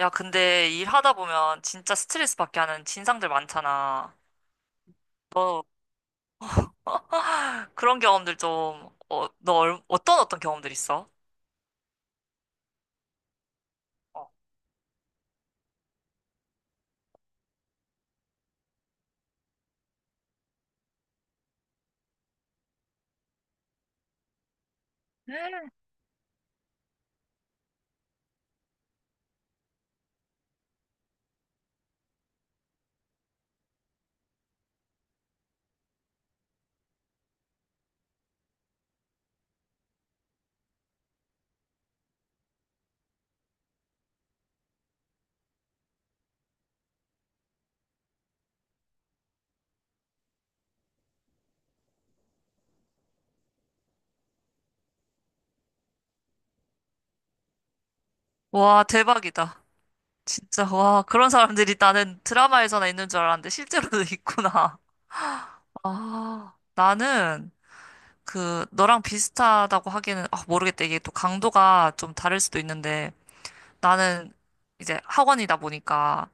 야, 근데 일하다 보면 진짜 스트레스 받게 하는 진상들 많잖아. 너 그런 경험들 좀, 어떤 경험들 있어? 어. 와, 대박이다. 진짜, 와, 그런 사람들이 나는 드라마에서나 있는 줄 알았는데 실제로도 있구나. 아, 나는 그 너랑 비슷하다고 하기에는 아, 모르겠다. 이게 또 강도가 좀 다를 수도 있는데 나는 이제 학원이다 보니까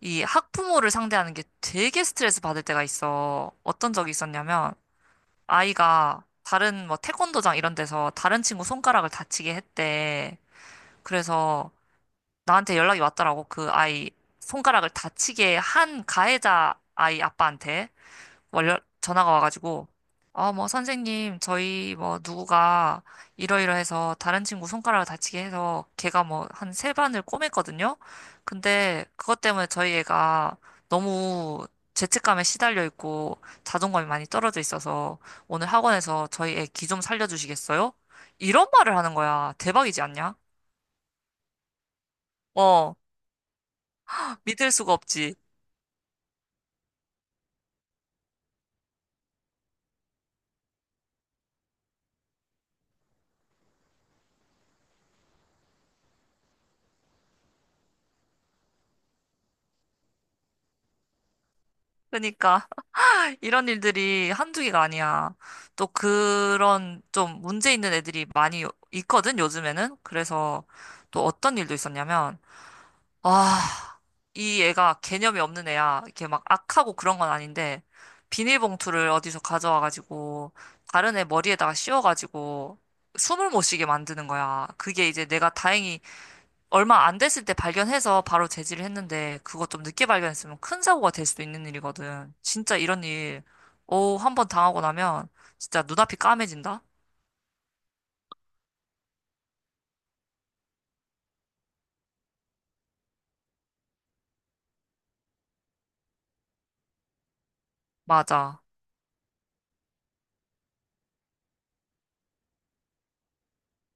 이 학부모를 상대하는 게 되게 스트레스 받을 때가 있어. 어떤 적이 있었냐면, 아이가 다른 뭐 태권도장 이런 데서 다른 친구 손가락을 다치게 했대. 그래서 나한테 연락이 왔더라고. 그 아이 손가락을 다치게 한 가해자 아이 아빠한테. 월 전화가 와가지고 뭐 선생님 저희 뭐 누구가 이러이러해서 다른 친구 손가락을 다치게 해서 걔가 뭐 한 세 반을 꼬맸거든요. 근데 그것 때문에 저희 애가 너무 죄책감에 시달려 있고 자존감이 많이 떨어져 있어서 오늘 학원에서 저희 애 기 좀 살려주시겠어요? 이런 말을 하는 거야. 대박이지 않냐? 어, 믿을 수가 없지. 그러니까 이런 일들이 한두 개가 아니야. 또 그런 좀 문제 있는 애들이 많이 있거든, 요즘에는. 그래서 또 어떤 일도 있었냐면, 아, 이 애가 개념이 없는 애야. 이렇게 막 악하고 그런 건 아닌데, 비닐봉투를 어디서 가져와가지고, 다른 애 머리에다가 씌워가지고, 숨을 못 쉬게 만드는 거야. 그게 이제 내가 다행히 얼마 안 됐을 때 발견해서 바로 제지를 했는데 그거 좀 늦게 발견했으면 큰 사고가 될 수도 있는 일이거든. 진짜 이런 일, 오, 한 번 당하고 나면 진짜 눈앞이 까매진다? 맞아.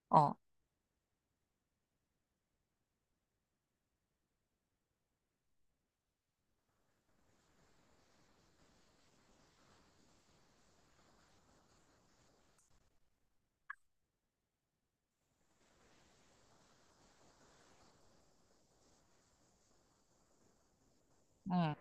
어, 응.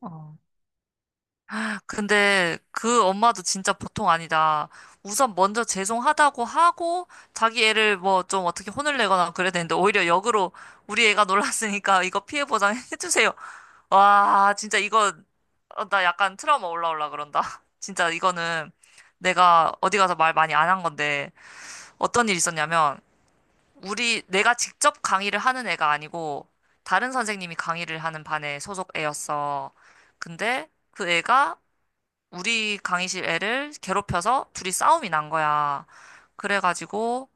어. 근데 그 엄마도 진짜 보통 아니다. 우선 먼저 죄송하다고 하고 자기 애를 뭐 좀 어떻게 혼을 내거나 그래야 되는데 오히려 역으로 우리 애가 놀랐으니까 이거 피해 보상 해주세요. 와, 진짜 이거, 어, 나 약간 트라우마 올라올라 그런다. 진짜 이거는 내가 어디 가서 말 많이 안 한 건데, 어떤 일이 있었냐면, 우리, 내가 직접 강의를 하는 애가 아니고, 다른 선생님이 강의를 하는 반에 소속 애였어. 근데 그 애가 우리 강의실 애를 괴롭혀서 둘이 싸움이 난 거야. 그래가지고,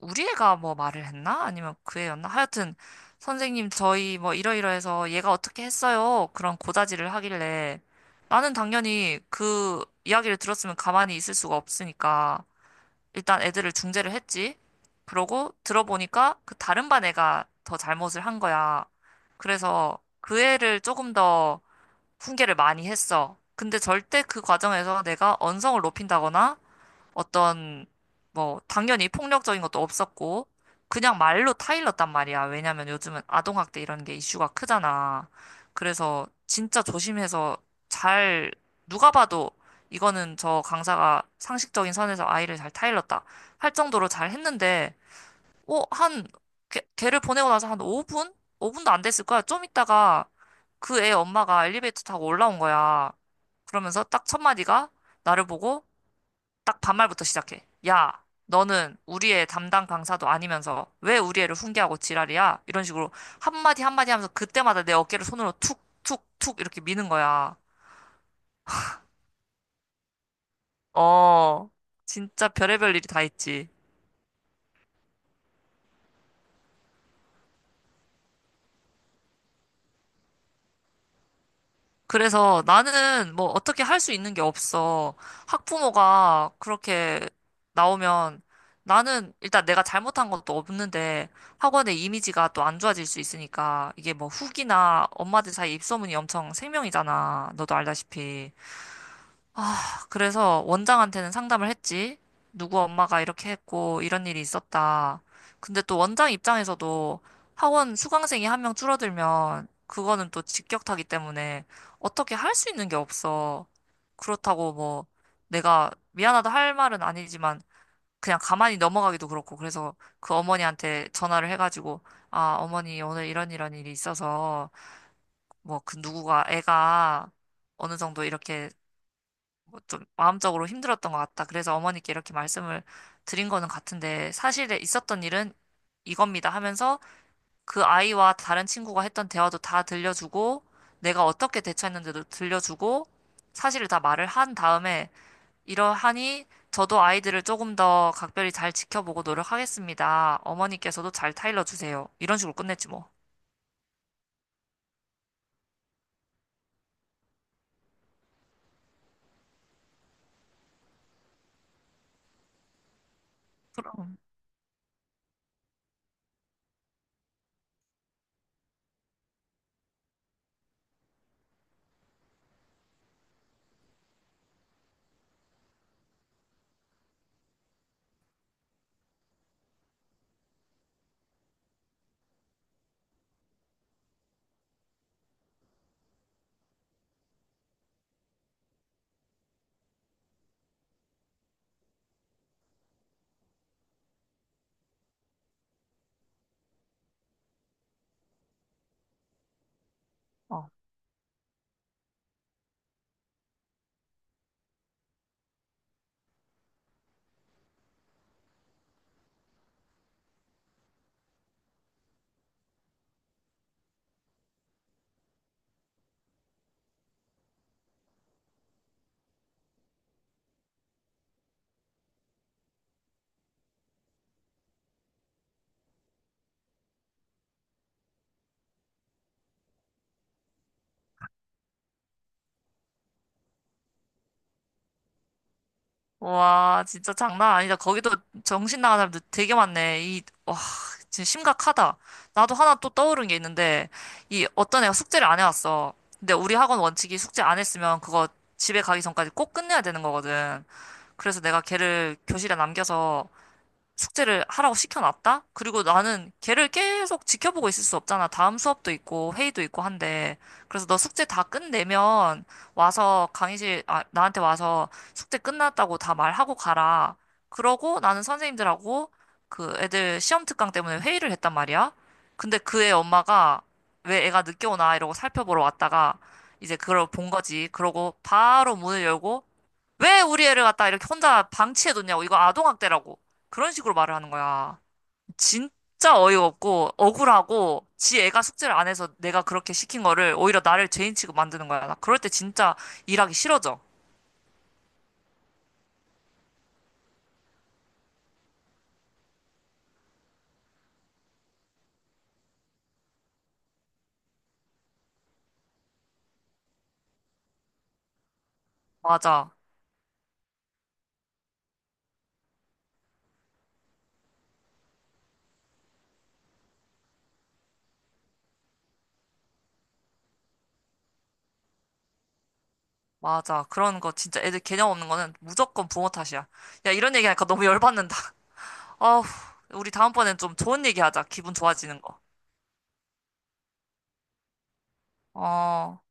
우리 애가 뭐 말을 했나? 아니면 그 애였나? 하여튼, 선생님, 저희 뭐 이러이러해서 얘가 어떻게 했어요? 그런 고다지를 하길래 나는 당연히 그 이야기를 들었으면 가만히 있을 수가 없으니까 일단 애들을 중재를 했지. 그러고 들어보니까 그 다른 반 애가 더 잘못을 한 거야. 그래서 그 애를 조금 더 훈계를 많이 했어. 근데 절대 그 과정에서 내가 언성을 높인다거나 어떤 뭐 당연히 폭력적인 것도 없었고 그냥 말로 타일렀단 말이야. 왜냐면 요즘은 아동학대 이런 게 이슈가 크잖아. 그래서 진짜 조심해서 잘 누가 봐도 이거는 저 강사가 상식적인 선에서 아이를 잘 타일렀다 할 정도로 잘 했는데 한 걔를 보내고 나서 한 5분? 5분도 안 됐을 거야. 좀 있다가 그 애 엄마가 엘리베이터 타고 올라온 거야. 그러면서 딱 첫 마디가 나를 보고 딱 반말부터 시작해. 야, 너는 우리의 담당 강사도 아니면서 왜 우리 애를 훈계하고 지랄이야? 이런 식으로 한마디 한마디 하면서 그때마다 내 어깨를 손으로 툭, 툭, 툭 이렇게 미는 거야. 어, 진짜 별의별 일이 다 있지. 그래서 나는 뭐 어떻게 할 수 있는 게 없어. 학부모가 그렇게 나오면 나는 일단 내가 잘못한 것도 없는데 학원의 이미지가 또 안 좋아질 수 있으니까 이게 뭐 후기나 엄마들 사이 입소문이 엄청 생명이잖아. 너도 알다시피. 아, 그래서 원장한테는 상담을 했지. 누구 엄마가 이렇게 했고, 이런 일이 있었다. 근데 또 원장 입장에서도 학원 수강생이 한 명 줄어들면 그거는 또 직격타기 때문에 어떻게 할 수 있는 게 없어. 그렇다고 뭐 내가 미안하다 할 말은 아니지만 그냥 가만히 넘어가기도 그렇고 그래서 그 어머니한테 전화를 해가지고 아, 어머니 오늘 이런 이런 일이 있어서 뭐 그 누구가 애가 어느 정도 이렇게 좀 마음적으로 힘들었던 것 같다. 그래서 어머니께 이렇게 말씀을 드린 거는 같은데 사실에 있었던 일은 이겁니다 하면서 그 아이와 다른 친구가 했던 대화도 다 들려주고 내가 어떻게 대처했는지도 들려주고 사실을 다 말을 한 다음에 이러하니 저도 아이들을 조금 더 각별히 잘 지켜보고 노력하겠습니다. 어머니께서도 잘 타일러 주세요. 이런 식으로 끝냈지 뭐. 어. 와, 진짜 장난 아니다. 거기도 정신 나간 사람들 되게 많네. 와, 진짜 심각하다. 나도 하나 또 떠오른 게 있는데, 이 어떤 애가 숙제를 안 해왔어. 근데 우리 학원 원칙이 숙제 안 했으면 그거 집에 가기 전까지 꼭 끝내야 되는 거거든. 그래서 내가 걔를 교실에 남겨서 숙제를 하라고 시켜놨다? 그리고 나는 걔를 계속 지켜보고 있을 수 없잖아. 다음 수업도 있고 회의도 있고 한데. 그래서 너 숙제 다 끝내면 와서 나한테 와서 숙제 끝났다고 다 말하고 가라. 그러고 나는 선생님들하고 그 애들 시험 특강 때문에 회의를 했단 말이야. 근데 그 애 엄마가 왜 애가 늦게 오나 이러고 살펴보러 왔다가 이제 그걸 본 거지. 그러고 바로 문을 열고 왜 우리 애를 갖다 이렇게 혼자 방치해뒀냐고. 이거 아동학대라고. 그런 식으로 말을 하는 거야. 진짜 어이없고, 억울하고, 지 애가 숙제를 안 해서 내가 그렇게 시킨 거를 오히려 나를 죄인 취급 만드는 거야. 나 그럴 때 진짜 일하기 싫어져. 맞아. 맞아. 그런 거 진짜 애들 개념 없는 거는 무조건 부모 탓이야. 야, 이런 얘기하니까 너무 열받는다. 어우, 우리 다음번엔 좀 좋은 얘기 하자. 기분 좋아지는 거. 어.